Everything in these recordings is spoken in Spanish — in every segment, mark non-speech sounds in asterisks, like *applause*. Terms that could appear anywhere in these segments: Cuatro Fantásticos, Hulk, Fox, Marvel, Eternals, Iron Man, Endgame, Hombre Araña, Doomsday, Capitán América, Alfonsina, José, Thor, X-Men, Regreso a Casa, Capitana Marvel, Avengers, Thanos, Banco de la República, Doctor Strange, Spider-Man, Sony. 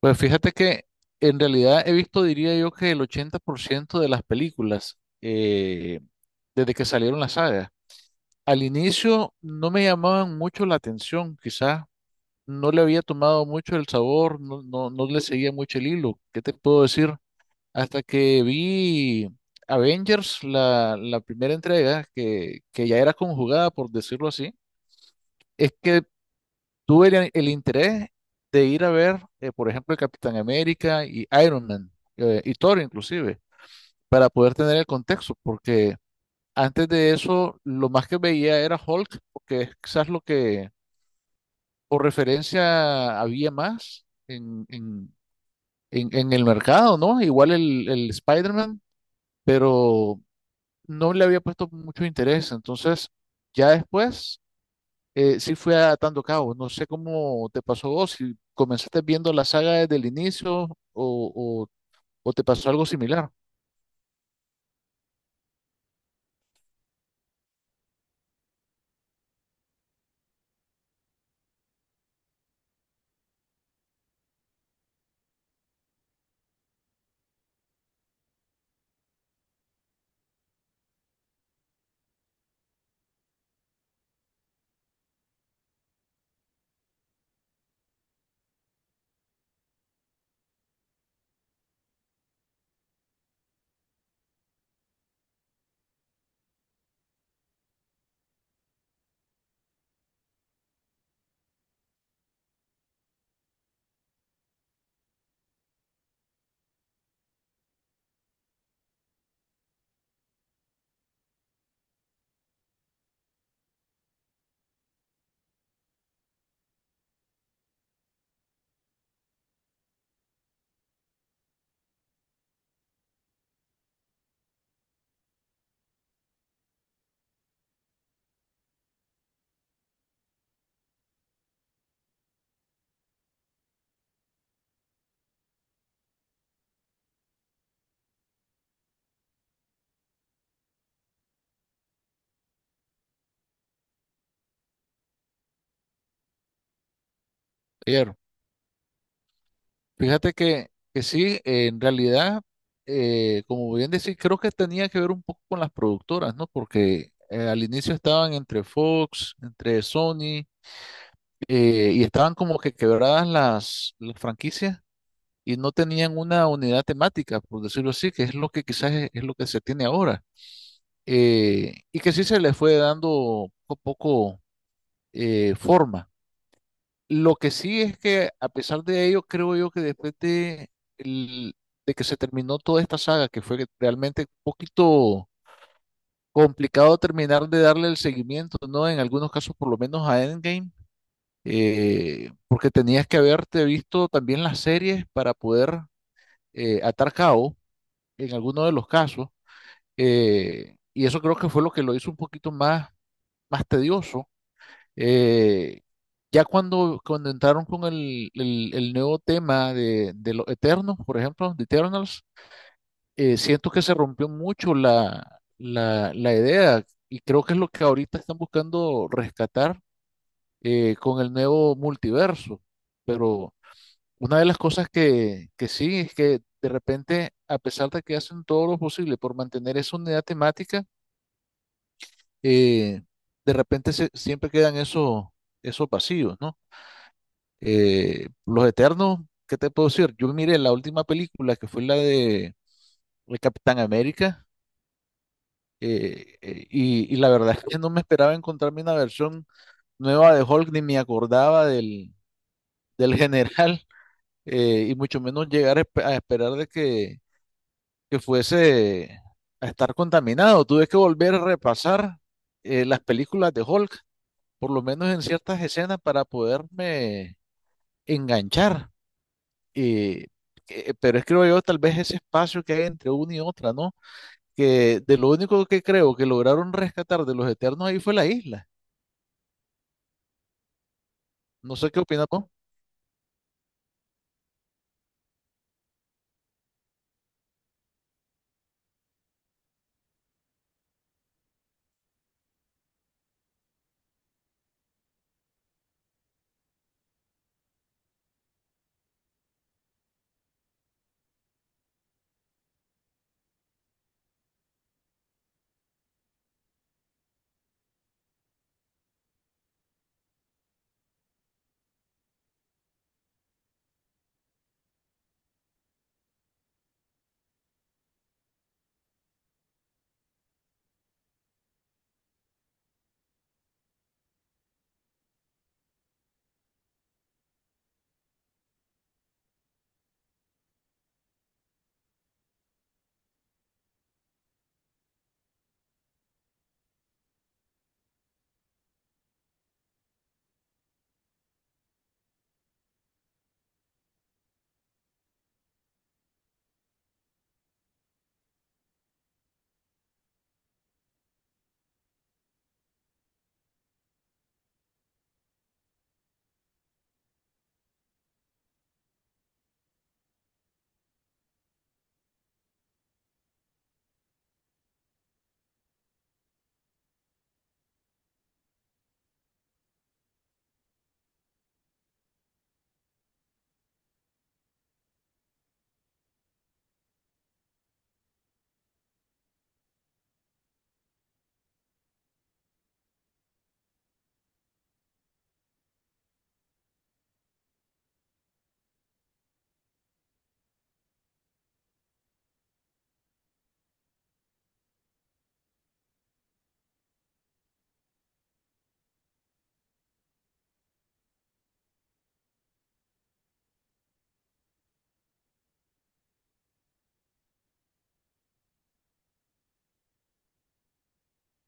Pues fíjate que en realidad he visto, diría yo, que el 80% de las películas desde que salieron las sagas. Al inicio no me llamaban mucho la atención, quizás no le había tomado mucho el sabor, no le seguía mucho el hilo. ¿Qué te puedo decir? Hasta que vi Avengers, la primera entrega, que ya era conjugada, por decirlo así, es que tuve el interés de ir a ver, por ejemplo, el Capitán América y Iron Man, y Thor inclusive, para poder tener el contexto, porque antes de eso lo más que veía era Hulk, porque es quizás lo que por referencia había más en el mercado, ¿no? Igual el Spider-Man, pero no le había puesto mucho interés, entonces ya después sí fue atando cabo. No sé cómo te pasó vos, si comenzaste viendo la saga desde el inicio o te pasó algo similar ayer. Fíjate que sí, en realidad, como bien decís, creo que tenía que ver un poco con las productoras, ¿no? Porque al inicio estaban entre Fox, entre Sony, y estaban como que quebradas las franquicias y no tenían una unidad temática, por decirlo así, que es lo que quizás es lo que se tiene ahora. Y que sí se le fue dando poco a poco forma. Lo que sí es que a pesar de ello, creo yo que después el- de que se terminó toda esta saga, que fue realmente un poquito complicado terminar de darle el seguimiento, ¿no? En algunos casos, por lo menos a Endgame, porque tenías que haberte visto también las series para poder atar cabo en algunos de los casos. Y eso creo que fue lo que lo hizo un poquito más, más tedioso. Eh, ya cuando entraron con el nuevo tema de los Eternos, por ejemplo, de Eternals, siento que se rompió mucho la idea y creo que es lo que ahorita están buscando rescatar con el nuevo multiverso. Pero una de las cosas que sí es que de repente, a pesar de que hacen todo lo posible por mantener esa unidad temática, eh, siempre quedan esos vacíos, ¿no? Los Eternos, ¿qué te puedo decir? Yo miré la última película que fue la de Capitán América, y la verdad es que no me esperaba encontrarme una versión nueva de Hulk, ni me acordaba del general. *laughs* Y mucho menos llegar a esperar de que fuese a estar contaminado. Tuve que volver a repasar las películas de Hulk, por lo menos en ciertas escenas para poderme enganchar. eh, pero es, creo yo, tal vez ese espacio que hay entre una y otra, ¿no? Que de lo único que creo que lograron rescatar de los Eternos ahí fue la isla. No sé qué opinas vos.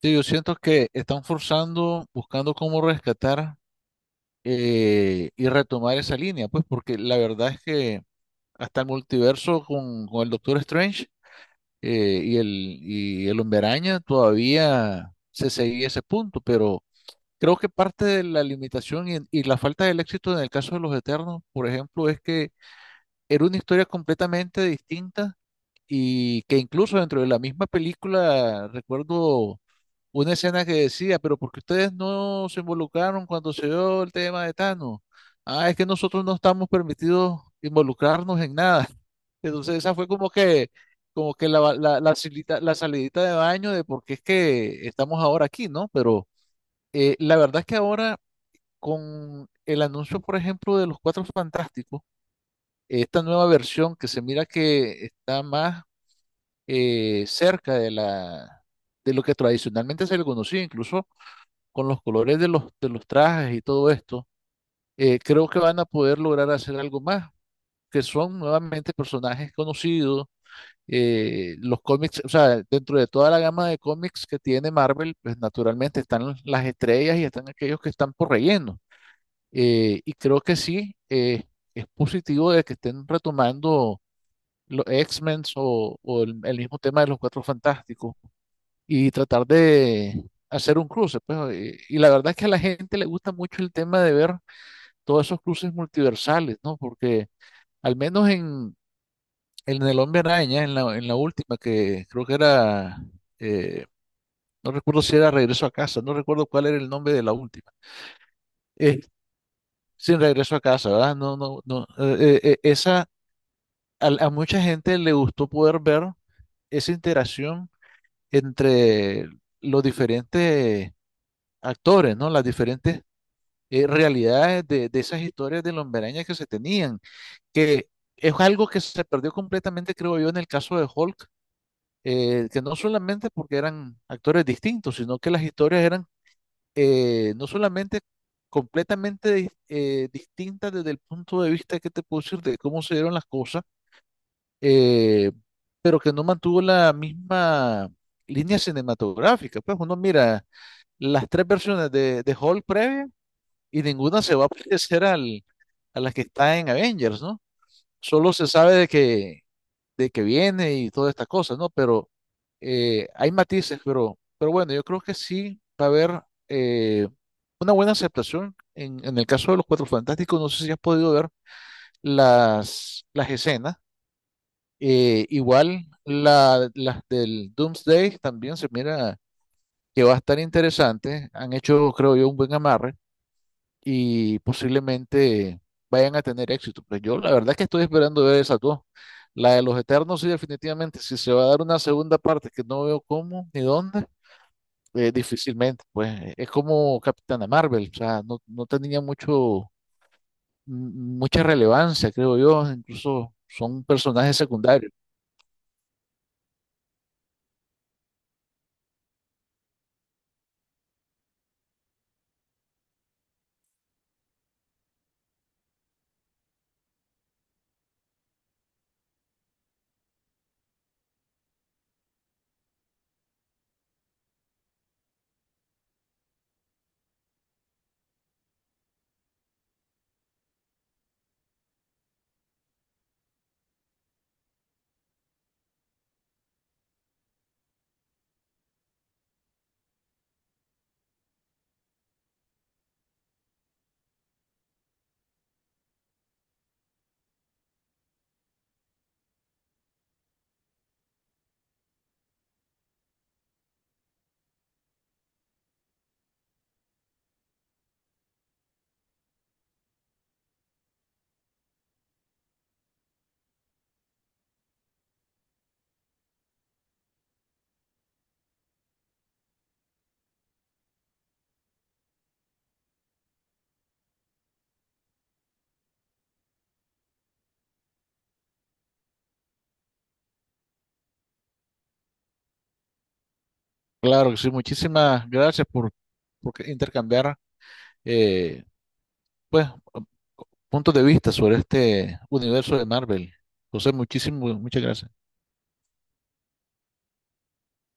Sí, yo siento que están forzando, buscando cómo rescatar y retomar esa línea, pues porque la verdad es que hasta el multiverso con el Doctor Strange eh, y el, y el Hombre Araña todavía se seguía ese punto, pero... Creo que parte de la limitación y la falta del éxito en el caso de Los Eternos, por ejemplo, es que era una historia completamente distinta y que incluso dentro de la misma película recuerdo una escena que decía, pero ¿por qué ustedes no se involucraron cuando se dio el tema de Thanos? Ah, es que nosotros no estamos permitidos involucrarnos en nada. *laughs* Entonces esa fue como que la salidita de baño de por qué es que estamos ahora aquí, ¿no? Pero la verdad es que ahora con el anuncio, por ejemplo, de los Cuatro Fantásticos, esta nueva versión que se mira que está más cerca de lo que tradicionalmente se le conocía, incluso con los colores de los trajes y todo esto, creo que van a poder lograr hacer algo más, que son nuevamente personajes conocidos. Los cómics, o sea, dentro de toda la gama de cómics que tiene Marvel, pues naturalmente están las estrellas y están aquellos que están por relleno. Y creo que sí, es positivo de que estén retomando los X-Men o el mismo tema de los Cuatro Fantásticos y tratar de hacer un cruce. Pues, y la verdad es que a la gente le gusta mucho el tema de ver todos esos cruces multiversales, ¿no? Porque al menos en El Hombre Araña, en la última, que creo que era, eh, no recuerdo si era Regreso a Casa, no recuerdo cuál era el nombre de la última. Eh, Sin regreso a casa, ¿verdad? No, no, no. A mucha gente le gustó poder ver esa interacción entre los diferentes actores, ¿no? Las diferentes realidades de esas historias de Lomberaña que se tenían, que es algo que se perdió completamente, creo yo, en el caso de Hulk, que no solamente porque eran actores distintos, sino que las historias eran no solamente completamente distintas desde el punto de vista que te puedo decir de cómo se dieron las cosas, eh, pero que no mantuvo la misma línea cinematográfica. Pues uno mira las tres versiones de Hulk previa y ninguna se va a parecer a las que está en Avengers, ¿no? Solo se sabe de que viene y todas estas cosas, ¿no? Pero hay matices, pero, bueno, yo creo que sí va a haber eh, una buena aceptación. En el caso de los Cuatro Fantásticos, no sé si has podido ver las escenas, igual las del Doomsday también se mira que va a estar interesante. Han hecho, creo yo, un buen amarre y posiblemente vayan a tener éxito. Pero yo la verdad es que estoy esperando ver esas dos. La de los Eternos, sí, definitivamente. Si se va a dar una segunda parte que no veo cómo ni dónde, difícilmente. Pues es como Capitana Marvel. O sea, no tenía m- mucha relevancia, creo yo. Incluso son personajes secundarios. Claro que sí, muchísimas gracias porque intercambiar eh, pues puntos de vista sobre este universo de Marvel. José, muchísimo muchas gracias.